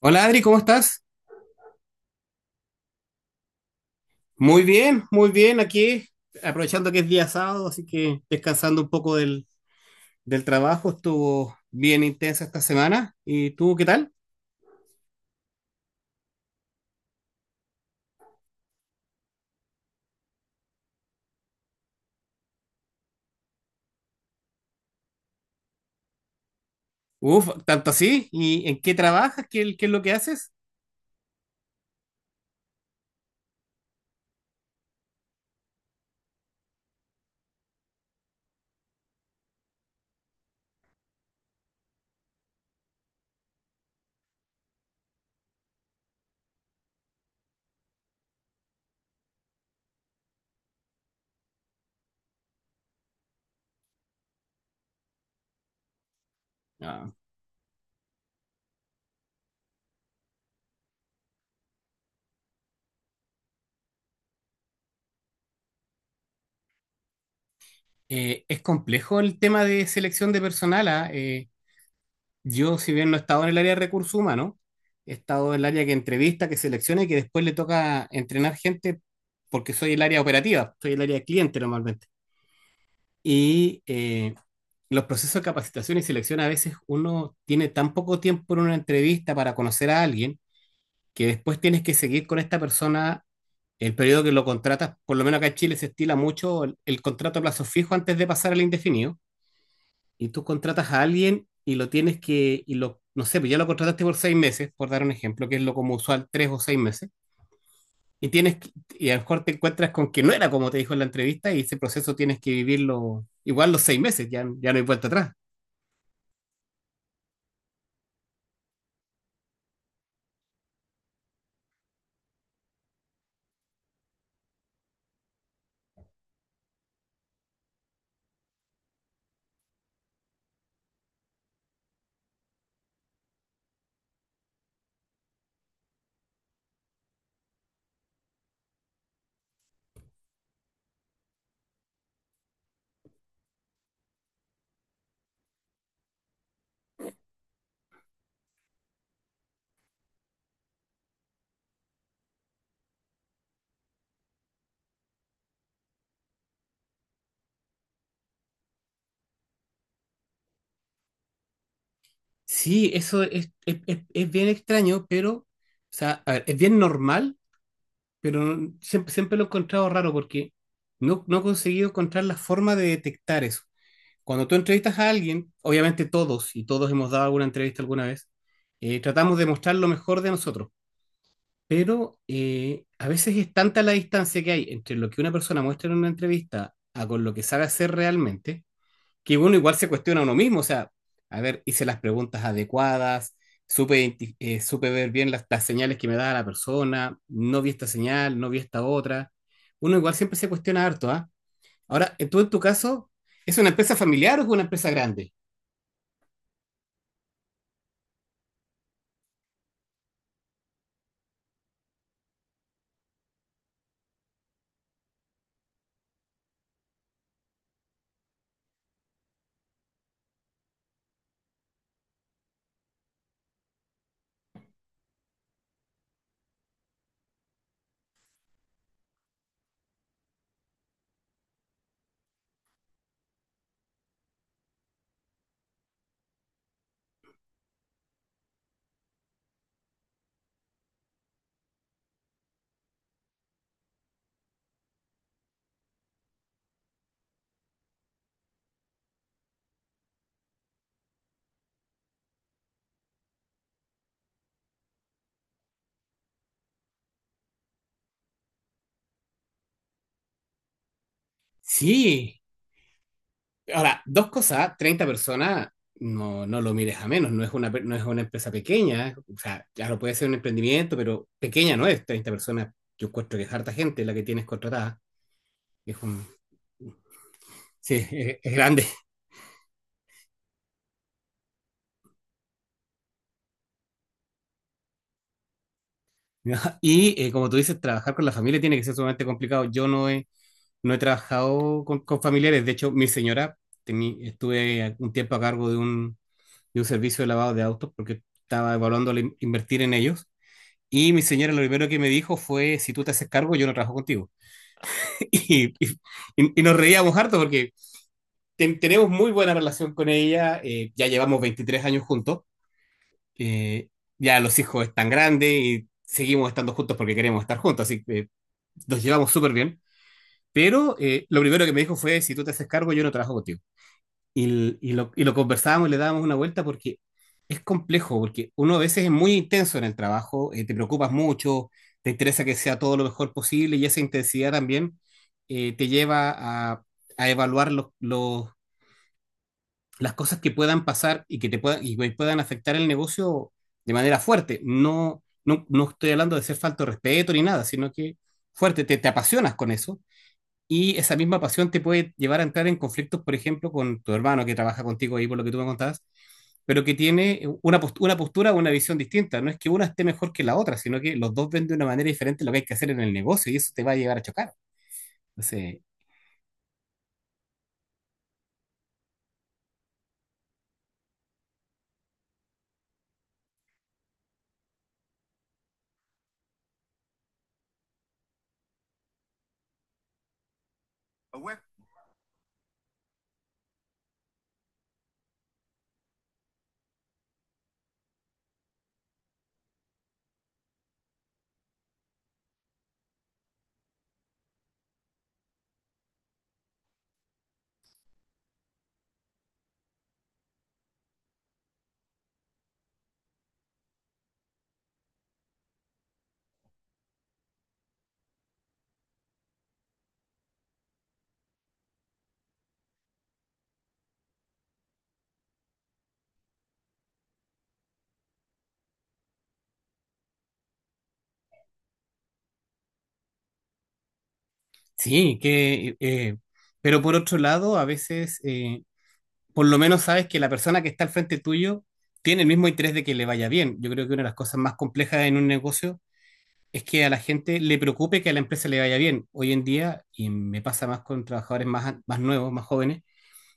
Hola Adri, ¿cómo estás? Muy bien aquí, aprovechando que es día sábado, así que descansando un poco del trabajo, estuvo bien intensa esta semana. ¿Y tú qué tal? Uf, tanto así. ¿Y en qué trabajas? ¿Qué es lo que haces? Ah, es complejo el tema de selección de personal. Yo, si bien no he estado en el área de recursos humanos, he estado en el área que entrevista, que selecciona y que después le toca entrenar gente porque soy el área operativa, soy el área de cliente normalmente. Y los procesos de capacitación y selección a veces uno tiene tan poco tiempo en una entrevista para conocer a alguien que después tienes que seguir con esta persona el periodo que lo contratas. Por lo menos acá en Chile se estila mucho el contrato a plazo fijo antes de pasar al indefinido. Y tú contratas a alguien y lo tienes que, y lo, no sé, pues ya lo contrataste por 6 meses, por dar un ejemplo, que es lo como usual, 3 o 6 meses. Y tienes que- y a lo mejor te encuentras con que no era como te dijo en la entrevista y ese proceso tienes que vivirlo igual los 6 meses, ya, ya no hay vuelta atrás. Sí, eso es bien extraño, pero, o sea, a ver, es bien normal, pero siempre, siempre lo he encontrado raro porque no he conseguido encontrar la forma de detectar eso. Cuando tú entrevistas a alguien, obviamente todos, y todos hemos dado alguna entrevista alguna vez, tratamos de mostrar lo mejor de nosotros, pero a veces es tanta la distancia que hay entre lo que una persona muestra en una entrevista a con lo que sabe hacer realmente, que uno igual se cuestiona a uno mismo, o sea, a ver, hice las preguntas adecuadas, supe, supe ver bien las señales que me daba la persona, no vi esta señal, no vi esta otra. Uno igual siempre se cuestiona harto, ¿ah? Ahora, tú en tu caso, ¿es una empresa familiar o es una empresa grande? Sí. Ahora, dos cosas, ¿ah? 30 personas, no, no lo mires a menos, no es una, no es una empresa pequeña, o sea, claro, puede ser un emprendimiento, pero pequeña no es, 30 personas, yo encuentro que es harta gente la que tienes contratada, es un, sí, es grande. ¿No? Y como tú dices, trabajar con la familia tiene que ser sumamente complicado. Yo no he, no he trabajado con familiares. De hecho, mi señora, estuve un tiempo a cargo de un servicio de lavado de autos porque estaba evaluando invertir en ellos. Y mi señora lo primero que me dijo fue, si tú te haces cargo, yo no trabajo contigo. Y, y nos reíamos harto porque tenemos muy buena relación con ella. Ya llevamos 23 años juntos. eh, ya los hijos están grandes y seguimos estando juntos porque queremos estar juntos, así que nos llevamos súper bien. Pero lo primero que me dijo fue, si tú te haces cargo, yo no trabajo contigo. Y, y lo conversábamos y le dábamos una vuelta porque es complejo, porque uno a veces es muy intenso en el trabajo, te preocupas mucho, te interesa que sea todo lo mejor posible y esa intensidad también te lleva a, a evaluar las cosas que puedan pasar y que te puedan, y que puedan afectar el negocio de manera fuerte. No, no, no estoy hablando de ser falto de respeto ni nada, sino que fuerte, te apasionas con eso y esa misma pasión te puede llevar a entrar en conflictos, por ejemplo, con tu hermano que trabaja contigo ahí, por lo que tú me contabas, pero que tiene una, una postura o una visión distinta. No es que una esté mejor que la otra, sino que los dos ven de una manera diferente lo que hay que hacer en el negocio y eso te va a llevar a chocar. Entonces, sí, pero por otro lado, a veces, por lo menos sabes que la persona que está al frente tuyo tiene el mismo interés de que le vaya bien. Yo creo que una de las cosas más complejas en un negocio es que a la gente le preocupe que a la empresa le vaya bien. Hoy en día, y me pasa más con trabajadores más, más nuevos, más jóvenes,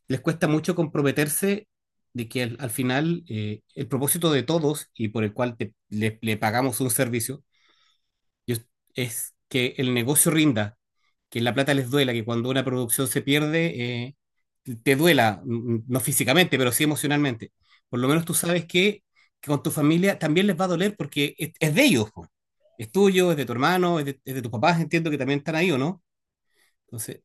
les cuesta mucho comprometerse de que al final el propósito de todos y por el cual le pagamos un servicio yo- es que el negocio rinda, que la plata les duela, que cuando una producción se pierde, te duela, mm, no físicamente, pero sí emocionalmente. Por lo menos tú sabes que con tu familia también les va a doler porque es de ellos, po. Es tuyo, es de tu hermano, es de tus papás, entiendo que también están ahí, ¿o no? Entonces,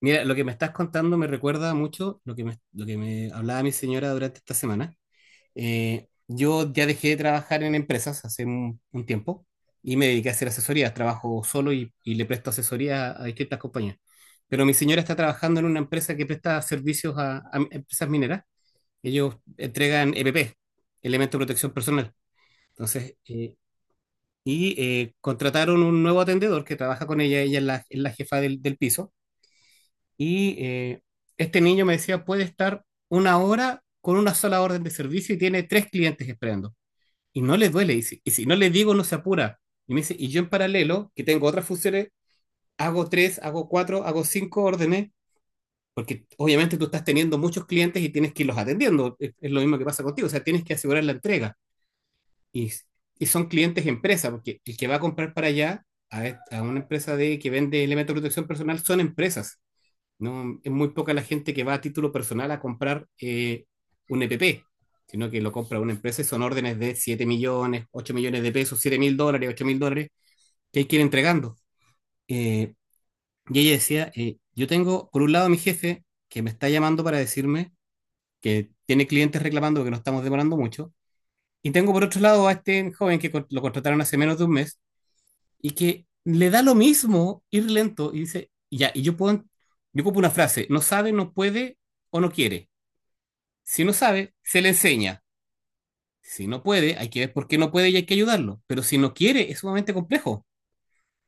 mira, lo que me estás contando me recuerda mucho lo que me hablaba mi señora durante esta semana. Yo ya dejé de trabajar en empresas hace un tiempo y me dediqué a hacer asesorías. Trabajo solo y le presto asesoría a, distintas compañías. Pero mi señora está trabajando en una empresa que presta servicios a empresas mineras. Ellos entregan EPP, Elemento de Protección Personal. Entonces, y contrataron un nuevo atendedor que trabaja con ella. Ella es la jefa del piso. Y este niño me decía, puede estar una hora con una sola orden de servicio y tiene tres clientes esperando y no le duele. Y si no le digo, no se apura. Y me dice, y yo en paralelo, que tengo otras funciones, hago tres, hago cuatro, hago cinco órdenes, porque obviamente tú estás teniendo muchos clientes y tienes que irlos atendiendo. Es lo mismo que pasa contigo, o sea, tienes que asegurar la entrega. Y, y son clientes empresa, porque el que va a comprar para allá, a una empresa de, que vende elementos de protección personal, son empresas. No, es muy poca la gente que va a título personal a comprar un EPP, sino que lo compra una empresa y son órdenes de 7 millones, 8 millones de pesos, 7.000 dólares, 8.000 dólares, que hay que ir entregando. Eh, y ella decía, yo tengo por un lado a mi jefe que me está llamando para decirme que tiene clientes reclamando que no estamos demorando mucho, y tengo por otro lado a este joven que lo contrataron hace menos de un mes, y que le da lo mismo ir lento y dice, ya, y yo puedo, yo pongo una frase, no sabe, no puede o no quiere. Si no sabe, se le enseña. Si no puede, hay que ver por qué no puede y hay que ayudarlo. Pero si no quiere, es sumamente complejo,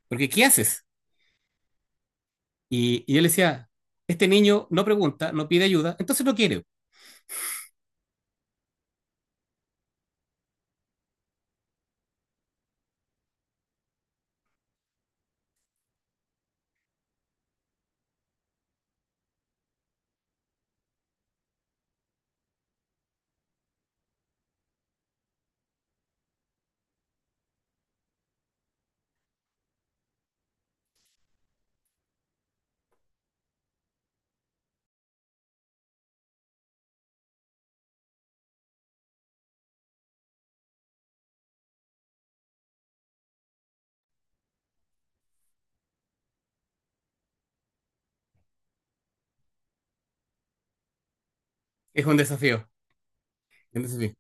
porque ¿qué haces? Y yo le decía, este niño no pregunta, no pide ayuda, entonces no quiere. Es un desafío, es un desafío.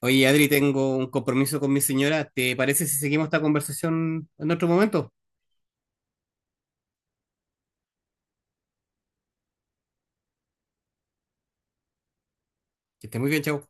Oye, Adri, tengo un compromiso con mi señora. ¿Te parece si seguimos esta conversación en otro momento? Que esté muy bien, chao.